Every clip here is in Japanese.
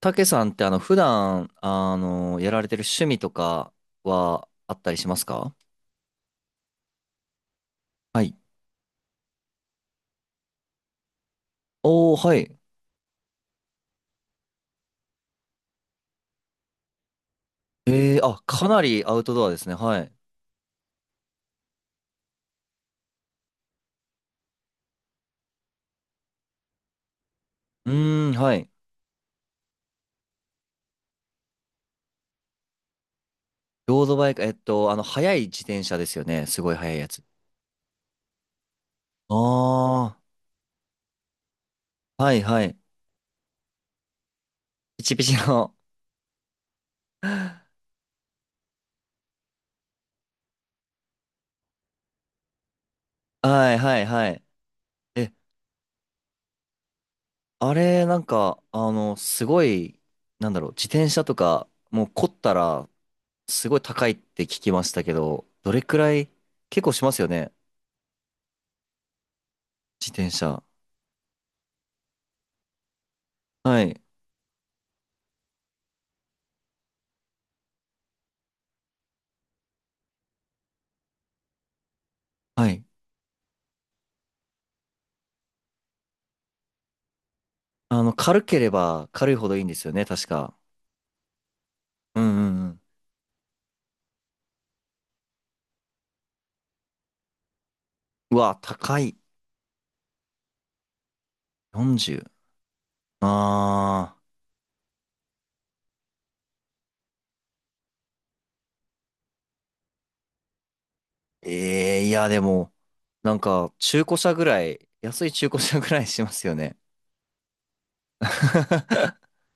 たけさんって普段やられてる趣味とかはあったりしますか？はい。おー、はい。あ、かなりアウトドアですね。はい。うーん、はい。ロードバイク、速い自転車ですよね。すごい速いやつ。ああ、はい、はい。ピチピチの。はい、はい、はい。え、あれ、なんか、すごい、なんだろう、自転車とか、もう凝ったら、すごい高いって聞きましたけど、どれくらい、結構しますよね。自転車。はい。はい。軽ければ軽いほどいいんですよね、確か。うんうんうん。うわ、高い。40。あー。ええいや、でも、なんか、中古車ぐらい、安い中古車ぐらいしますよね。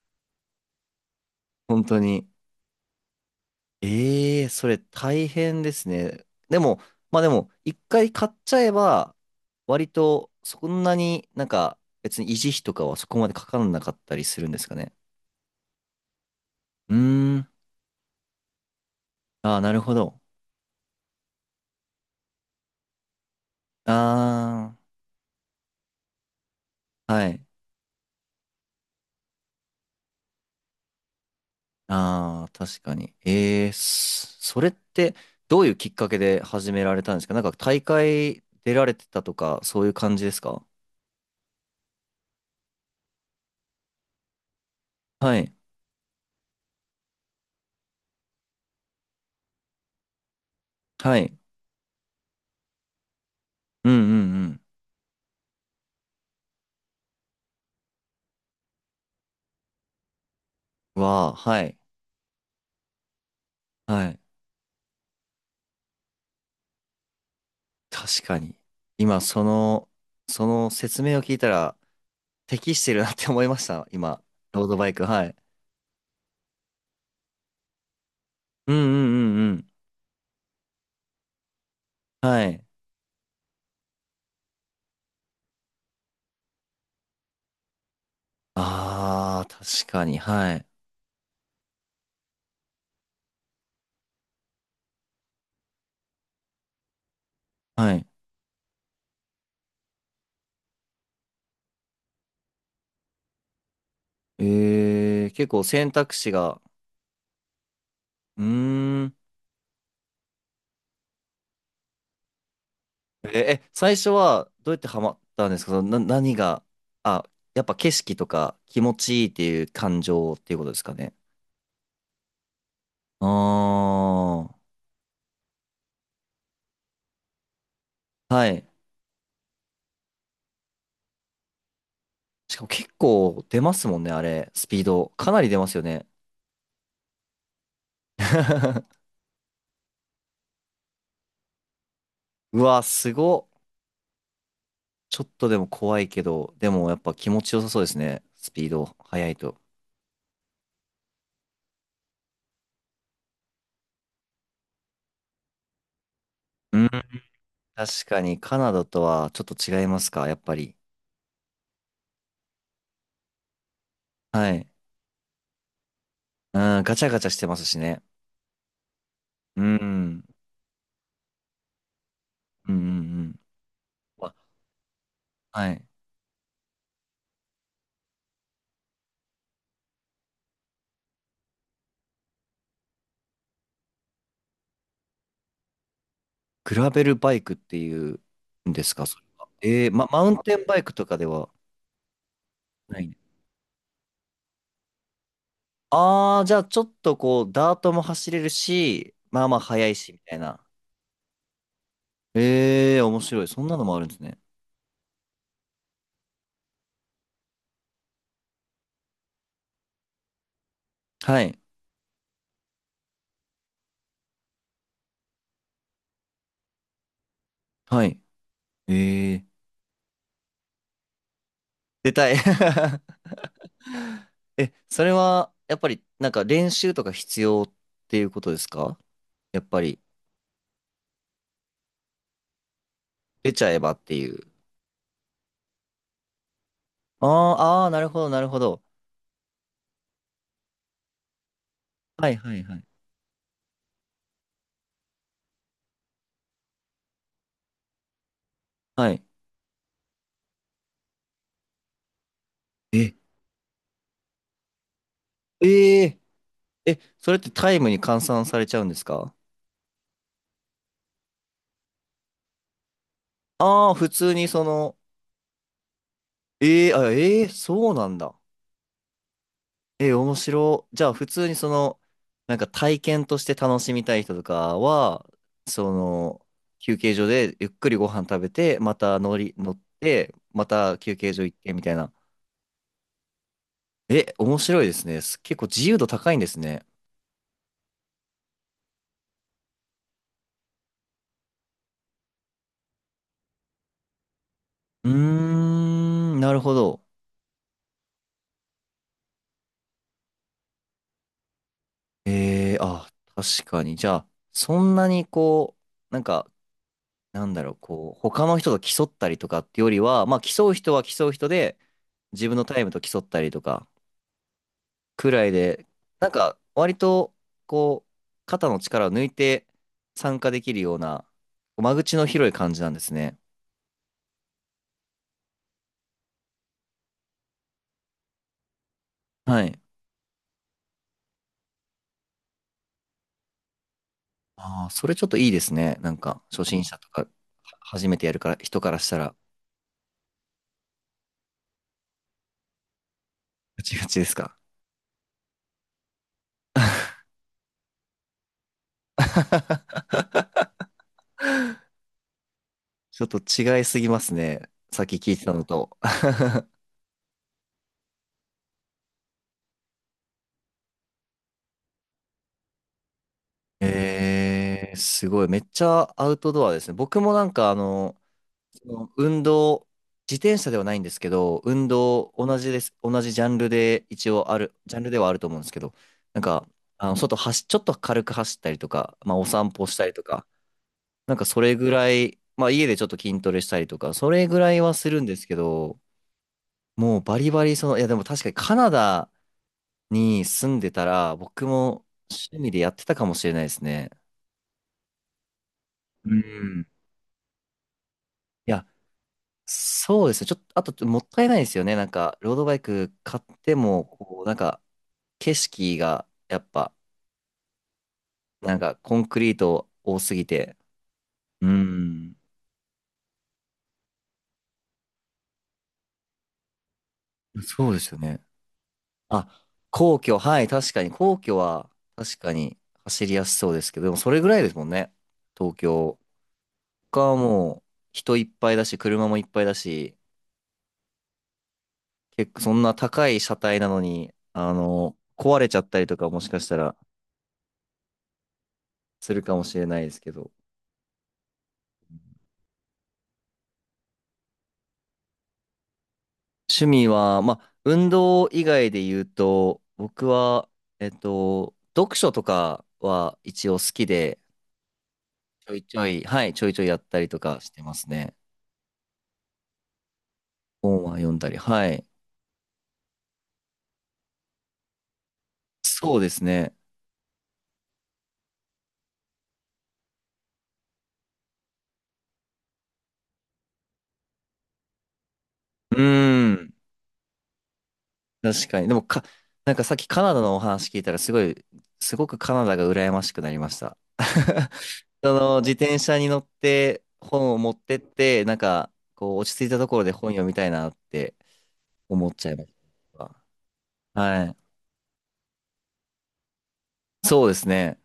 本当に。ええ、それ大変ですね。でも、まあでも、一回買っちゃえば、割と、そんなになんか、別に維持費とかはそこまでかからなかったりするんですかね。うーん。ああ、なるほど。ああ、はい。ああ、確かに。ええ、それってどういうきっかけで始められたんですか？なんか大会出られてたとか、そういう感じですか？はい。はい。うんうんうん。わあ、はい。はい。確かに。今、その説明を聞いたら適してるなって思いました。今、ロードバイク。はい。うんうんうんうん。はい。ああ、確かに。はい。はい。ええ、結構選択肢が、うーん。え、え最初はどうやってハマったんですか？その何が、あ、やっぱ景色とか気持ちいいっていう感情っていうことですかね。ああ、はい。しかも結構出ますもんね、あれ。スピード。かなり出ますよね。うわ、すごっ。ちょっとでも怖いけど、でもやっぱ気持ちよさそうですね。スピード、速いと。うん。確かにカナダとはちょっと違いますか、やっぱり。はい。うん、ガチャガチャしてますしね。うん。うんうんうん。まはい。グラベルバイクっていうんですか、それは。マウンテンバイクとかではないね。ああ、じゃあちょっとこう、ダートも走れるし、まあまあ速いし、みたいな。ええー、面白い。そんなのもあるんですね。はい。はい。ええー。出たい。え、それは、やっぱり、なんか練習とか必要っていうことですか？やっぱり、出ちゃえばっていう。あーあー、なるほど、なるほど。はいはいはい。はい。ええええ、それってタイムに換算されちゃうんですか？ああー、普通にその、ええ、あ、ええ、そうなんだ。ええ、面白い。じゃあ、普通にその、なんか体験として楽しみたい人とかは、その、休憩所でゆっくりご飯食べて、また乗って、また休憩所行ってみたいな。え、面白いですね。結構自由度高いんですね。うーん、なるほど。ええ、あ、確かに。じゃあ、そんなにこう、なんか、なんだろう、こう、他の人と競ったりとかってよりは、まあ、競う人は競う人で、自分のタイムと競ったりとか、くらいで、なんか、割と、こう、肩の力を抜いて参加できるような、間口の広い感じなんですね。はい。ああ、それちょっといいですね。なんか、初心者とか、は初めてやるから、人からしたら、ガチガチですか？ちょっと違いすぎますね。さっき聞いてたのと。すごい。めっちゃアウトドアですね。僕もなんか、その運動、自転車ではないんですけど、運動、同じです。同じジャンルで一応ある、ジャンルではあると思うんですけど、なんか、ちょっと軽く走ったりとか、まあ、お散歩したりとか、なんかそれぐらい、まあ、家でちょっと筋トレしたりとか、それぐらいはするんですけど、もうバリバリ、その、いや、でも確かにカナダに住んでたら、僕も趣味でやってたかもしれないですね。うん。いや、そうですね。ちょっと、あと、もったいないですよね。なんか、ロードバイク買っても、こう、なんか、景色が、やっぱ、なんか、コンクリート多すぎて。うん。そうですよね。あ、皇居、はい、確かに。皇居は、確かに、走りやすそうですけど、でも、それぐらいですもんね。東京。他はもう、人いっぱいだし、車もいっぱいだし、結構、そんな高い車体なのに、壊れちゃったりとか、もしかしたら、するかもしれないですけど。趣味は、まあ、運動以外で言うと、僕は、読書とかは一応好きで、ちょいちょい、はい、ちょいちょいやったりとかしてますね。本は読んだり、はい。そうですね。うーん、確かに。でもか、なんかさっきカナダのお話聞いたら、すごくカナダが羨ましくなりました。その自転車に乗って本を持ってって、なんかこう落ち着いたところで本読みたいなって思っちゃいます。はい。そうですね。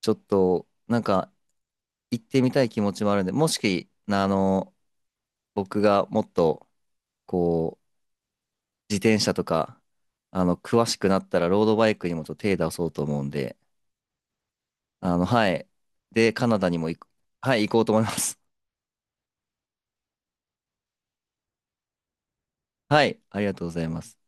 ちょっと、なんか、行ってみたい気持ちもあるんで、もし、僕がもっと、こう、自転車とか、詳しくなったら、ロードバイクにもちょっと手出そうと思うんで、はい。で、カナダにも行く、はい、行こうと思います。はい、ありがとうございます。